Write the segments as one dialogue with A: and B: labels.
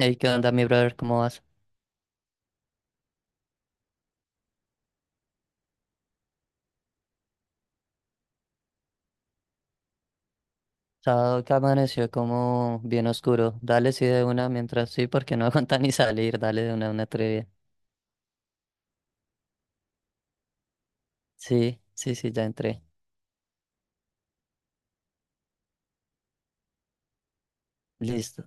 A: Ey, ¿qué onda, mi brother? ¿Cómo vas? Sábado que amaneció como bien oscuro. Dale, sí, de una mientras sí, porque no aguanta ni salir. Dale de una trivia. Sí, sí, sí, ya entré. Listo,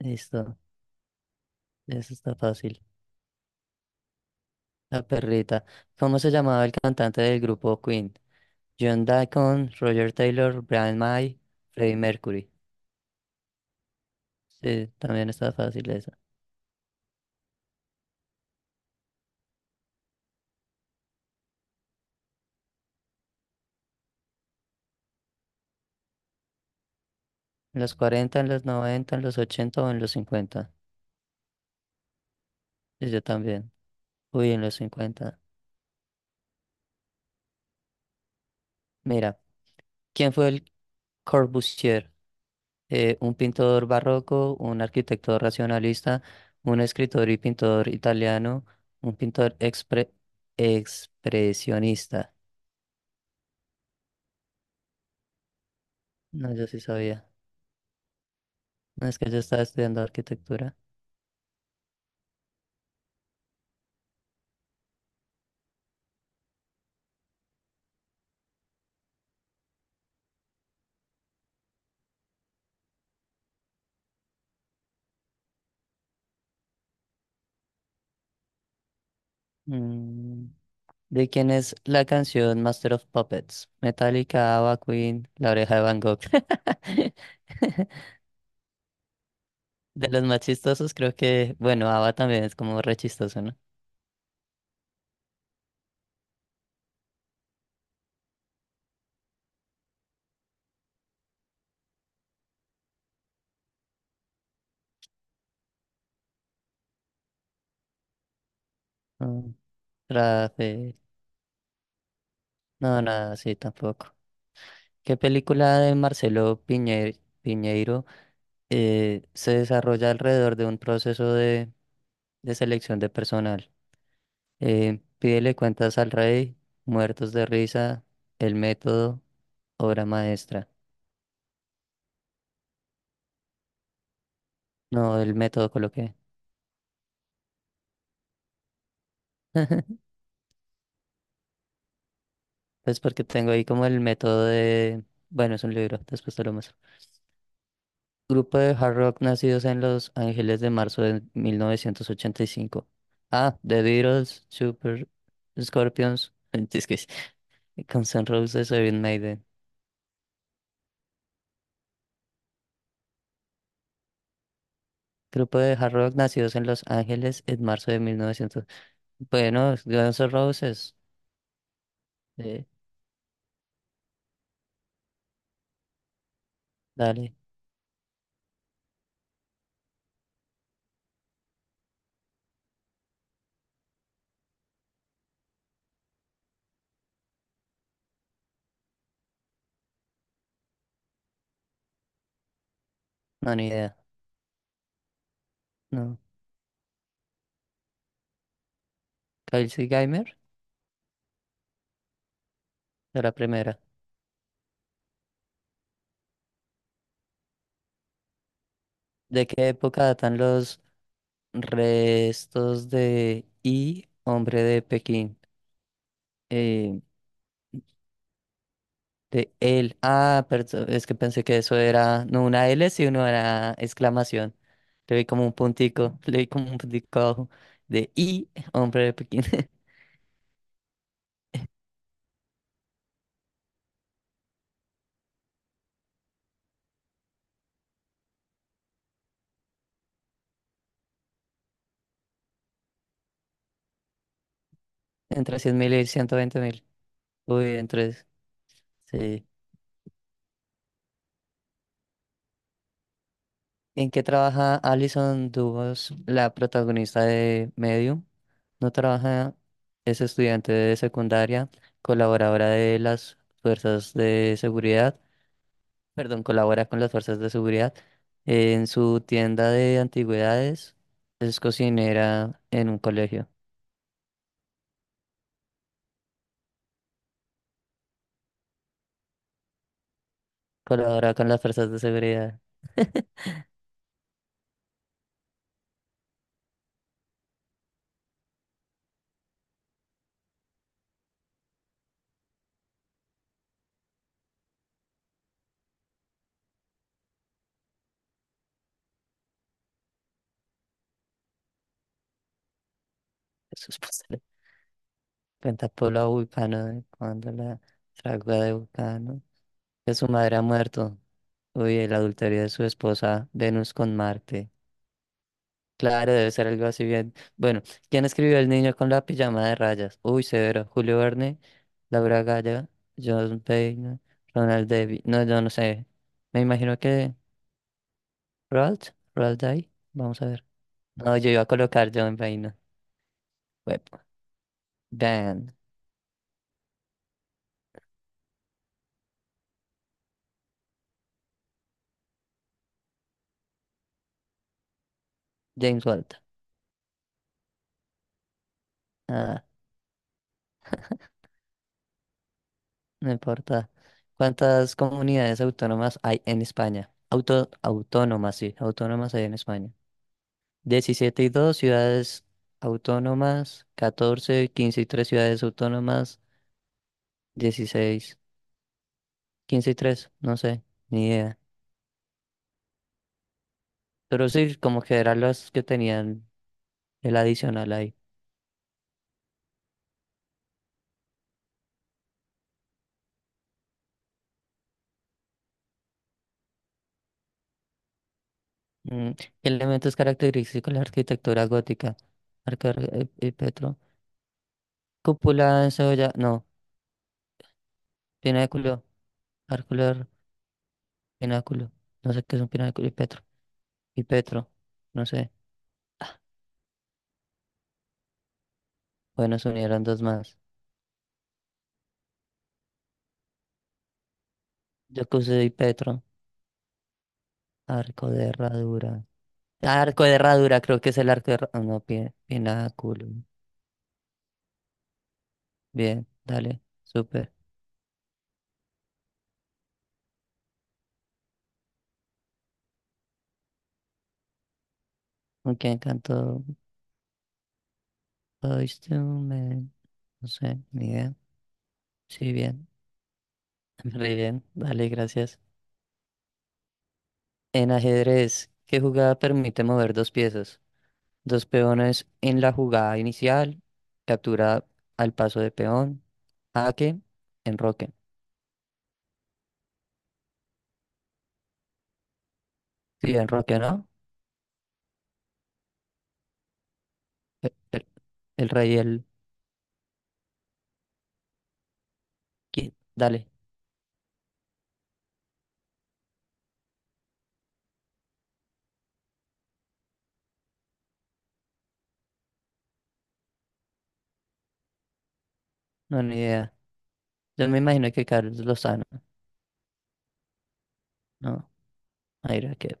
A: listo. Eso está fácil. La perrita. ¿Cómo se llamaba el cantante del grupo Queen? John Deacon, Roger Taylor, Brian May, Freddie Mercury. Sí, también está fácil esa. ¿En los 40, en los 90, en los 80 o en los 50? Sí, yo también. Uy, en los 50. Mira, ¿quién fue el Corbusier? Un pintor barroco, un arquitecto racionalista, un escritor y pintor italiano, un pintor expresionista. No, yo sí sabía. No, es que yo estaba estudiando arquitectura. Mm, ¿De quién es la canción Master of Puppets? Metallica, Ava Queen, La Oreja de Van Gogh. De los más chistosos creo que, bueno, Ava también es como re chistoso, ¿no? Mm, Rafe, no, nada, sí, tampoco. ¿Qué película de Marcelo Piñeiro se desarrolla alrededor de un proceso de selección de personal? Pídele cuentas al rey, Muertos de risa, El método, obra maestra. No, El método coloqué. Pues porque tengo ahí como el método de. Bueno, es un libro, después te lo muestro. Grupo de hard rock nacidos en Los Ángeles de marzo de 1985. Ah, The Beatles, Super Scorpions. Es que Guns N' Roses o Iron Maiden. Grupo de hard rock nacidos en Los Ángeles en marzo de 1900. Bueno, Guns N' Roses. eh, dale, no, ni idea. No. Kelsey Geimer, de la primera. ¿De qué época datan los restos de I, hombre de Pekín? Eh, de él. Ah, perdón, es que pensé que eso era no una L, sino una exclamación. Le vi como un puntico, le vi como un puntico abajo. De I, hombre de Pekín. Entre 100.000 y 120.000. Uy, entre. Sí. ¿En qué trabaja Alison Dubos, la protagonista de Medium? No trabaja, es estudiante de secundaria, colaboradora de las fuerzas de seguridad, perdón, colabora con las fuerzas de seguridad en su tienda de antigüedades, es cocinera en un colegio, colabora con las fuerzas de seguridad. Eso es posible. Cuenta Polo a Vulcano de cuando la fragua de Vulcano, que su madre ha muerto. Uy, el adulterio de su esposa Venus con Marte. Claro, debe ser algo así bien. Bueno, ¿quién escribió El niño con la pijama de rayas? Uy, severo. Julio Verne, Laura Galla, John Payne, Ronald Davies. No, yo no sé. Me imagino que Roald Dahl. Vamos a ver. No, yo iba a colocar John Payne. Web. Dan, James Walt. Ah, no importa. ¿Cuántas comunidades autónomas hay en España? Autónomas, sí, autónomas hay en España. 17 y 2 ciudades autónomas, 14 15 y 3 ciudades autónomas, 16 15 y tres, no sé, ni idea. Pero sí, como que eran las que tenían el adicional ahí. Mm, Elementos característicos de la arquitectura gótica. Petro. Cúpula encebollada, no, pináculo, arcular, pináculo. No sé qué es un pináculo y Petro. Y Petro, no sé. Bueno, se unieron dos más. Yo puse y Petro, arco de herradura. Arco de herradura, creo que es el arco de herradura. No, pináculo. Bien, dale, súper. ¿Con quién cantó Boyz II Men? No sé, ni idea. Sí, bien. Re bien, dale, gracias. En ajedrez, ¿qué jugada permite mover dos piezas? Dos peones en la jugada inicial, captura al paso de peón, jaque, enroque. Sí, enroque, ¿no? El, el- el rey y dale, no, ni idea. Yo me imagino que Carlos Lozano, ¿no? Mira que-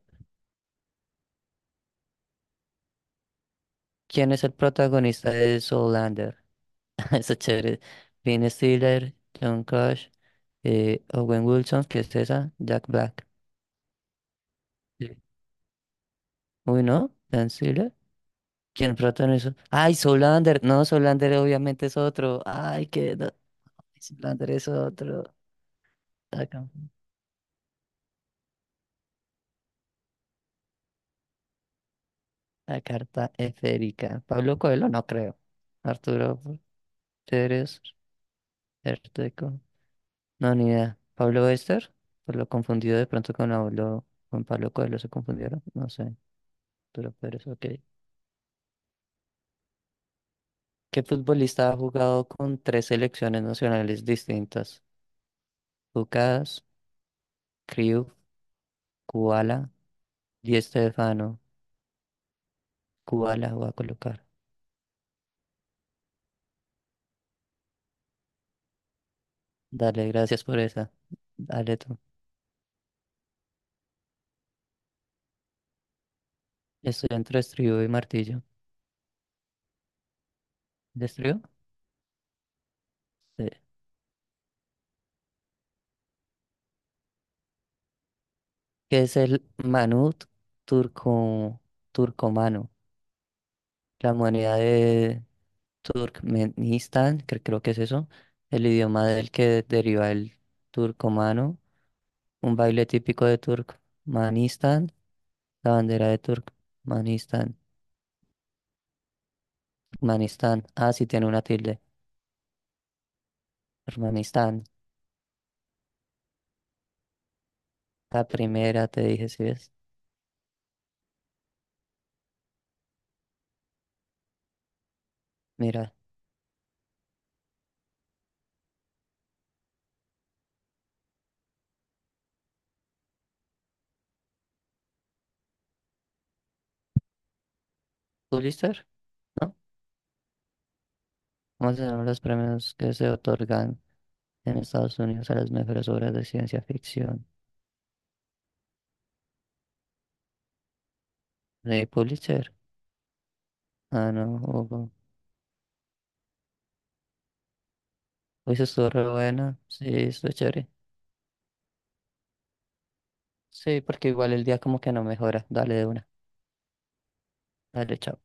A: ¿Quién es el protagonista de Zoolander? Está chévere. Ben Stiller, John Crush, Owen Wilson, ¿qué es esa? Jack Black. Sí. Uy, ¿no? Ben Stiller. ¿Quién protagonizó? ¡Ay, Zoolander! No, Zoolander obviamente es otro. ¡Ay, qué no! Zoolander es otro. La, ca- la carta esférica. Pablo Coelho, no creo. Arturo Pérez, no, ni idea. ¿Pablo Bester? Por lo confundido de pronto con Pablo, Coelho se confundieron. No sé, pero es ok. ¿Qué futbolista ha jugado con tres selecciones nacionales distintas? Lucas, Cruyff, Kubala, Di Stefano. Kubala voy a colocar. Dale, gracias por esa. Dale tú. Estoy entre estribo y martillo. ¿De estribo? Sí. ¿Qué es el Manut turco, turcomano? La moneda de Turkmenistán, creo que es eso, el idioma del que deriva el turcomano, un baile típico de Turkmenistán, la bandera de Turkmenistán, Manistán. Ah, sí tiene una tilde, Turkmenistán, la primera te dije, ¿sí ves? Mira, Pulitzer, ¿no? Vamos a ver los premios que se otorgan en Estados Unidos a las mejores obras de ciencia ficción. ¿De Pulitzer? Ah, no, Hugo. Pues estuvo re buena, sí, estuvo chévere. Sí, porque igual el día como que no mejora. Dale de una. Dale, chao.